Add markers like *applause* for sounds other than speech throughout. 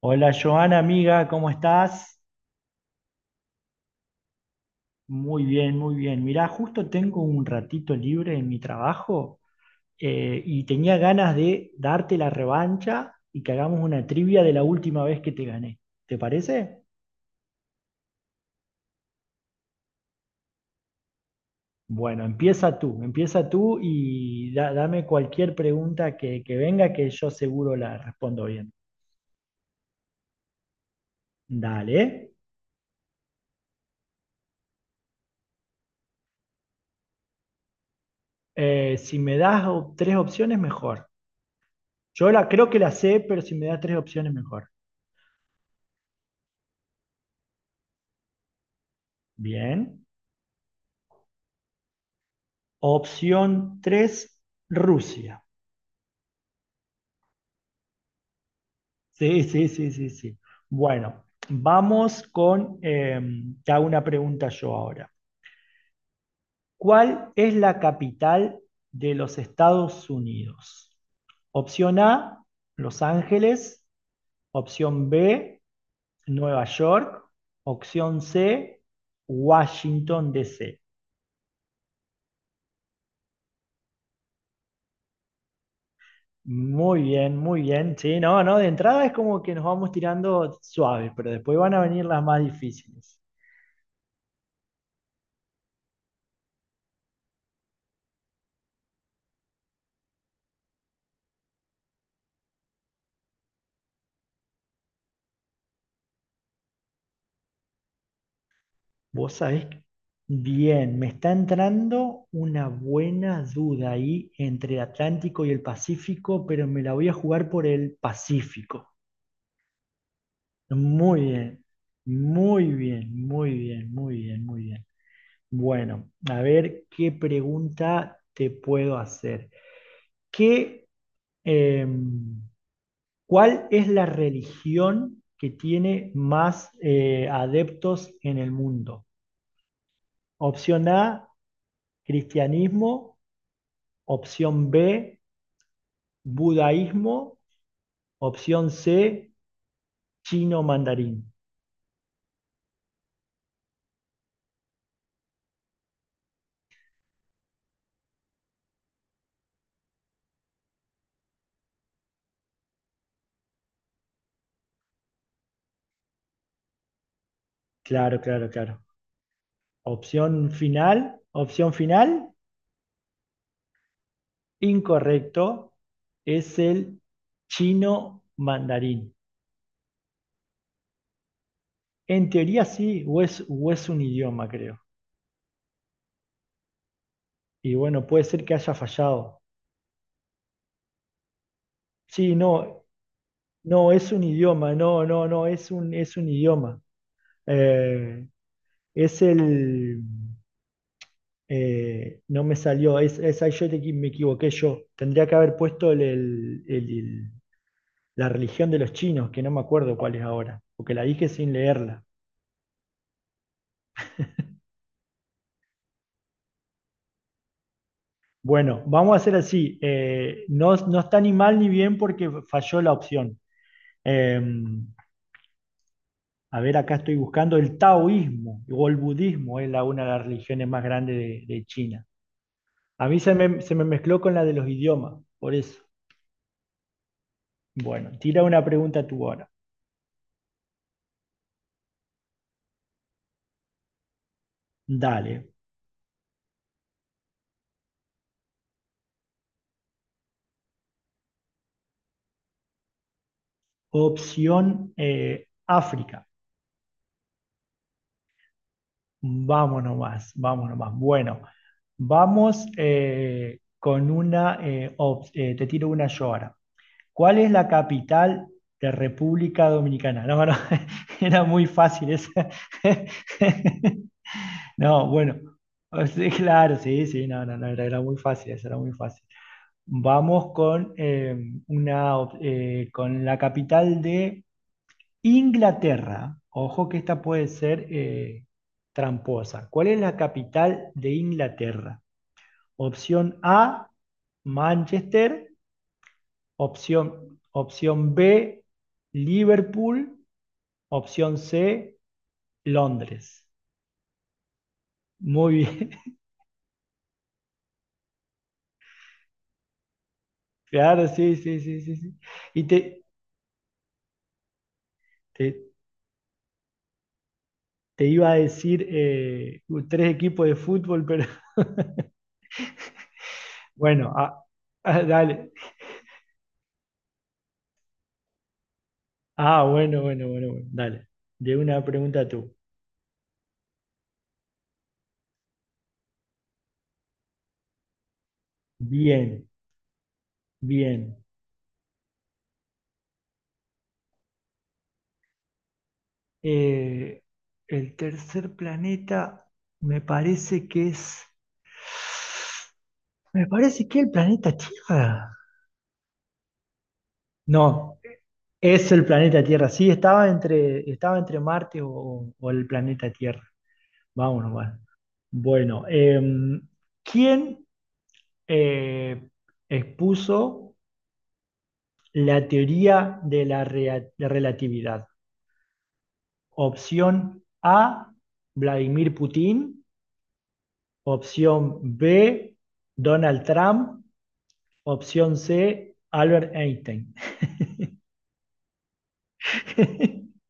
Hola Joana, amiga, ¿cómo estás? Muy bien, muy bien. Mirá, justo tengo un ratito libre en mi trabajo, y tenía ganas de darte la revancha y que hagamos una trivia de la última vez que te gané. ¿Te parece? Bueno, empieza tú y dame cualquier pregunta que venga que yo seguro la respondo bien. Dale. Si me das tres opciones, mejor. Yo la, creo que la sé, pero si me das tres opciones, mejor. Bien. Opción 3, Rusia. Sí, sí, sí, sí, sí. Bueno, vamos con, te hago una pregunta yo ahora. ¿Cuál es la capital de los Estados Unidos? Opción A, Los Ángeles. Opción B, Nueva York. Opción C, Washington, D. C. Muy bien, muy bien. Sí, no, no, de entrada es como que nos vamos tirando suaves, pero después van a venir las más difíciles. Vos sabés, bien, me está entrando una buena duda ahí entre el Atlántico y el Pacífico, pero me la voy a jugar por el Pacífico. Muy bien, muy bien, muy bien, muy bien, muy bien. Bueno, a ver qué pregunta te puedo hacer. ¿Qué, em, cuál es la religión que tiene más adeptos en el mundo? Opción A, cristianismo. Opción B, budaísmo. Opción C, chino mandarín. Claro, claro, claro. Opción final, incorrecto, es el chino mandarín. En teoría sí, o es un idioma, creo. Y bueno, puede ser que haya fallado. Sí, no, no, es un idioma, no, no, no, es un idioma. Eh, es el... No me salió, es ahí yo me equivoqué yo. Tendría que haber puesto la religión de los chinos, que no me acuerdo cuál es ahora, porque la dije sin leerla. Bueno, vamos a hacer así. No, no está ni mal ni bien porque falló la opción. Eh, a ver, acá estoy buscando el taoísmo o el budismo, es la, una de las religiones más grandes de China. A mí se me mezcló con la de los idiomas, por eso. Bueno, tira una pregunta tú ahora. Dale. Opción África. Vamos nomás, vamos nomás. Bueno, vamos con una, te tiro una yo ahora. ¿Cuál es la capital de República Dominicana? No, no, *laughs* era muy fácil esa. *laughs* No, bueno, oh, sí, claro, sí, sí, no, no, no, era, era muy fácil, esa era muy fácil. Vamos con, una, con la capital de Inglaterra, ojo que esta puede ser tramposa. ¿Cuál es la capital de Inglaterra? Opción A, Manchester. Opción, opción B, Liverpool. Opción C, Londres. Muy bien. *laughs* Claro, sí, sí, sí, sí, sí. Y te- te iba a decir tres equipos de fútbol, pero *laughs* bueno, ah, ah, dale. Ah, bueno, bueno, bueno, bueno. Dale. De una pregunta tú. Bien, bien. Eh, el tercer planeta me parece que es... Me parece que es el planeta Tierra. No, es el planeta Tierra. Sí, estaba entre Marte o el planeta Tierra. Vámonos, bueno. Bueno, ¿quién, eh, expuso la teoría de la de relatividad? Opción A, Vladimir Putin. Opción B, Donald Trump. Opción C, Albert Einstein. *laughs*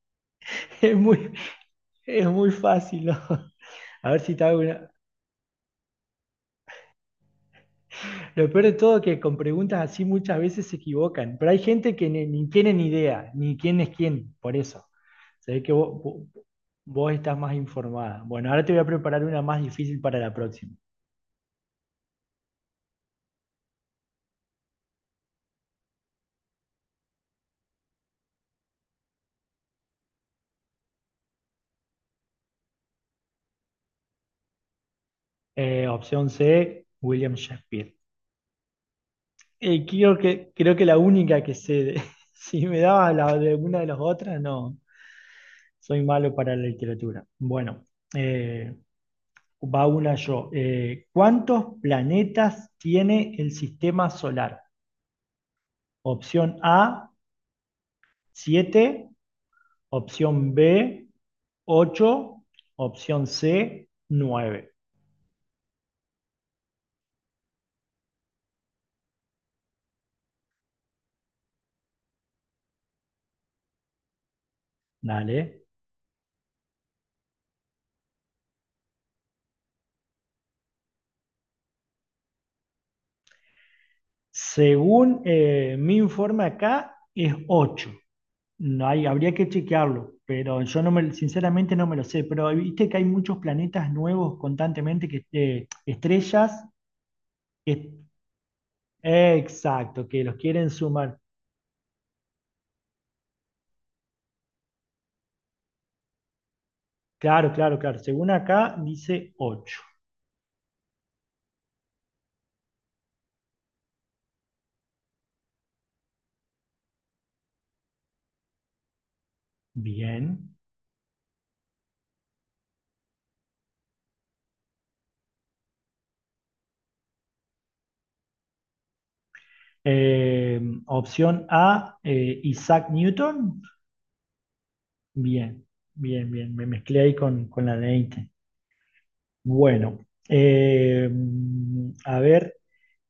Es muy, es muy fácil, ¿no? *laughs* A ver si te hago una. Lo peor de todo es que con preguntas así muchas veces se equivocan, pero hay gente que ni, ni tiene ni idea, ni quién es quién, por eso. Se ve que vos estás más informada. Bueno, ahora te voy a preparar una más difícil para la próxima. Opción C, William Shakespeare. Creo que la única que sé, *laughs* si me dabas la de alguna de las otras, no, soy malo para la literatura. Bueno, eh, va una yo. ¿Cuántos planetas tiene el sistema solar? Opción A, siete, opción B, ocho, opción C, nueve. Dale. Según mi informe acá, es ocho. No hay, habría que chequearlo, pero yo no me, sinceramente no me lo sé. Pero viste que hay muchos planetas nuevos constantemente, que estrellas, que- exacto, que los quieren sumar. Claro, claro, claro. Según acá dice ocho. Bien. Eh, opción A, Isaac Newton. Bien, bien, bien. Me mezclé ahí con la de Einstein. Bueno, eh, a ver,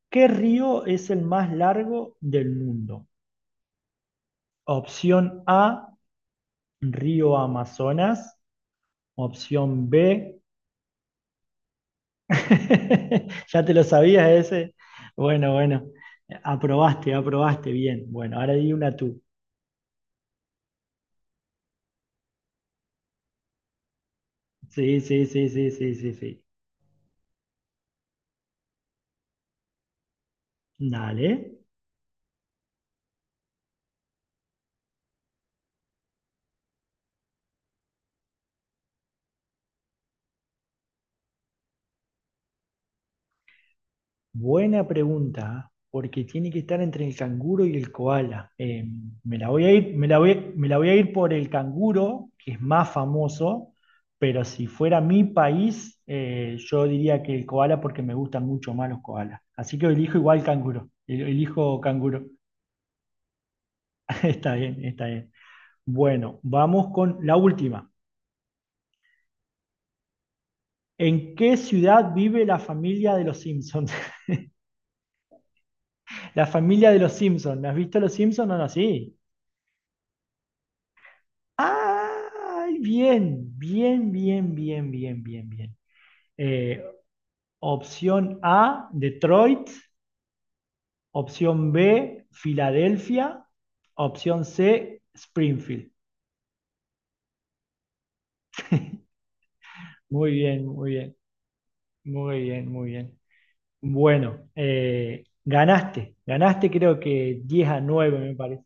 ¿qué río es el más largo del mundo? Opción A, río Amazonas. Opción B, *laughs* ya te lo sabías ese. Bueno, bueno, aprobaste, aprobaste, bien. Bueno, ahora di una tú. Sí, sí, sí, sí, sí, sí, sí. Dale. Buena pregunta, porque tiene que estar entre el canguro y el koala. Me la voy a ir por el canguro, que es más famoso, pero si fuera mi país, yo diría que el koala porque me gustan mucho más los koalas. Así que elijo igual canguro, elijo canguro. *laughs* Está bien, está bien. Bueno, vamos con la última. ¿En qué ciudad vive la familia de los Simpsons? *laughs* La familia de los Simpsons. ¿Has visto los Simpsons o no? Sí. Ay, bien, bien, bien, bien, bien, bien, bien. Eh, opción A, Detroit. Opción B, Filadelfia. Opción C, Springfield. Muy bien, muy bien, muy bien, muy bien. Bueno, ganaste, ganaste creo que 10-9 me parece.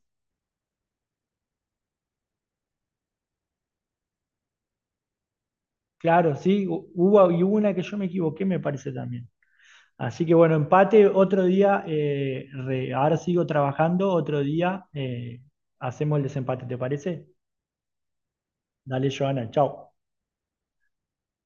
Claro, sí, hubo, y hubo una que yo me equivoqué me parece también. Así que bueno, empate, otro día, ahora sigo trabajando, otro día, hacemos el desempate, ¿te parece? Dale, Joana, chao.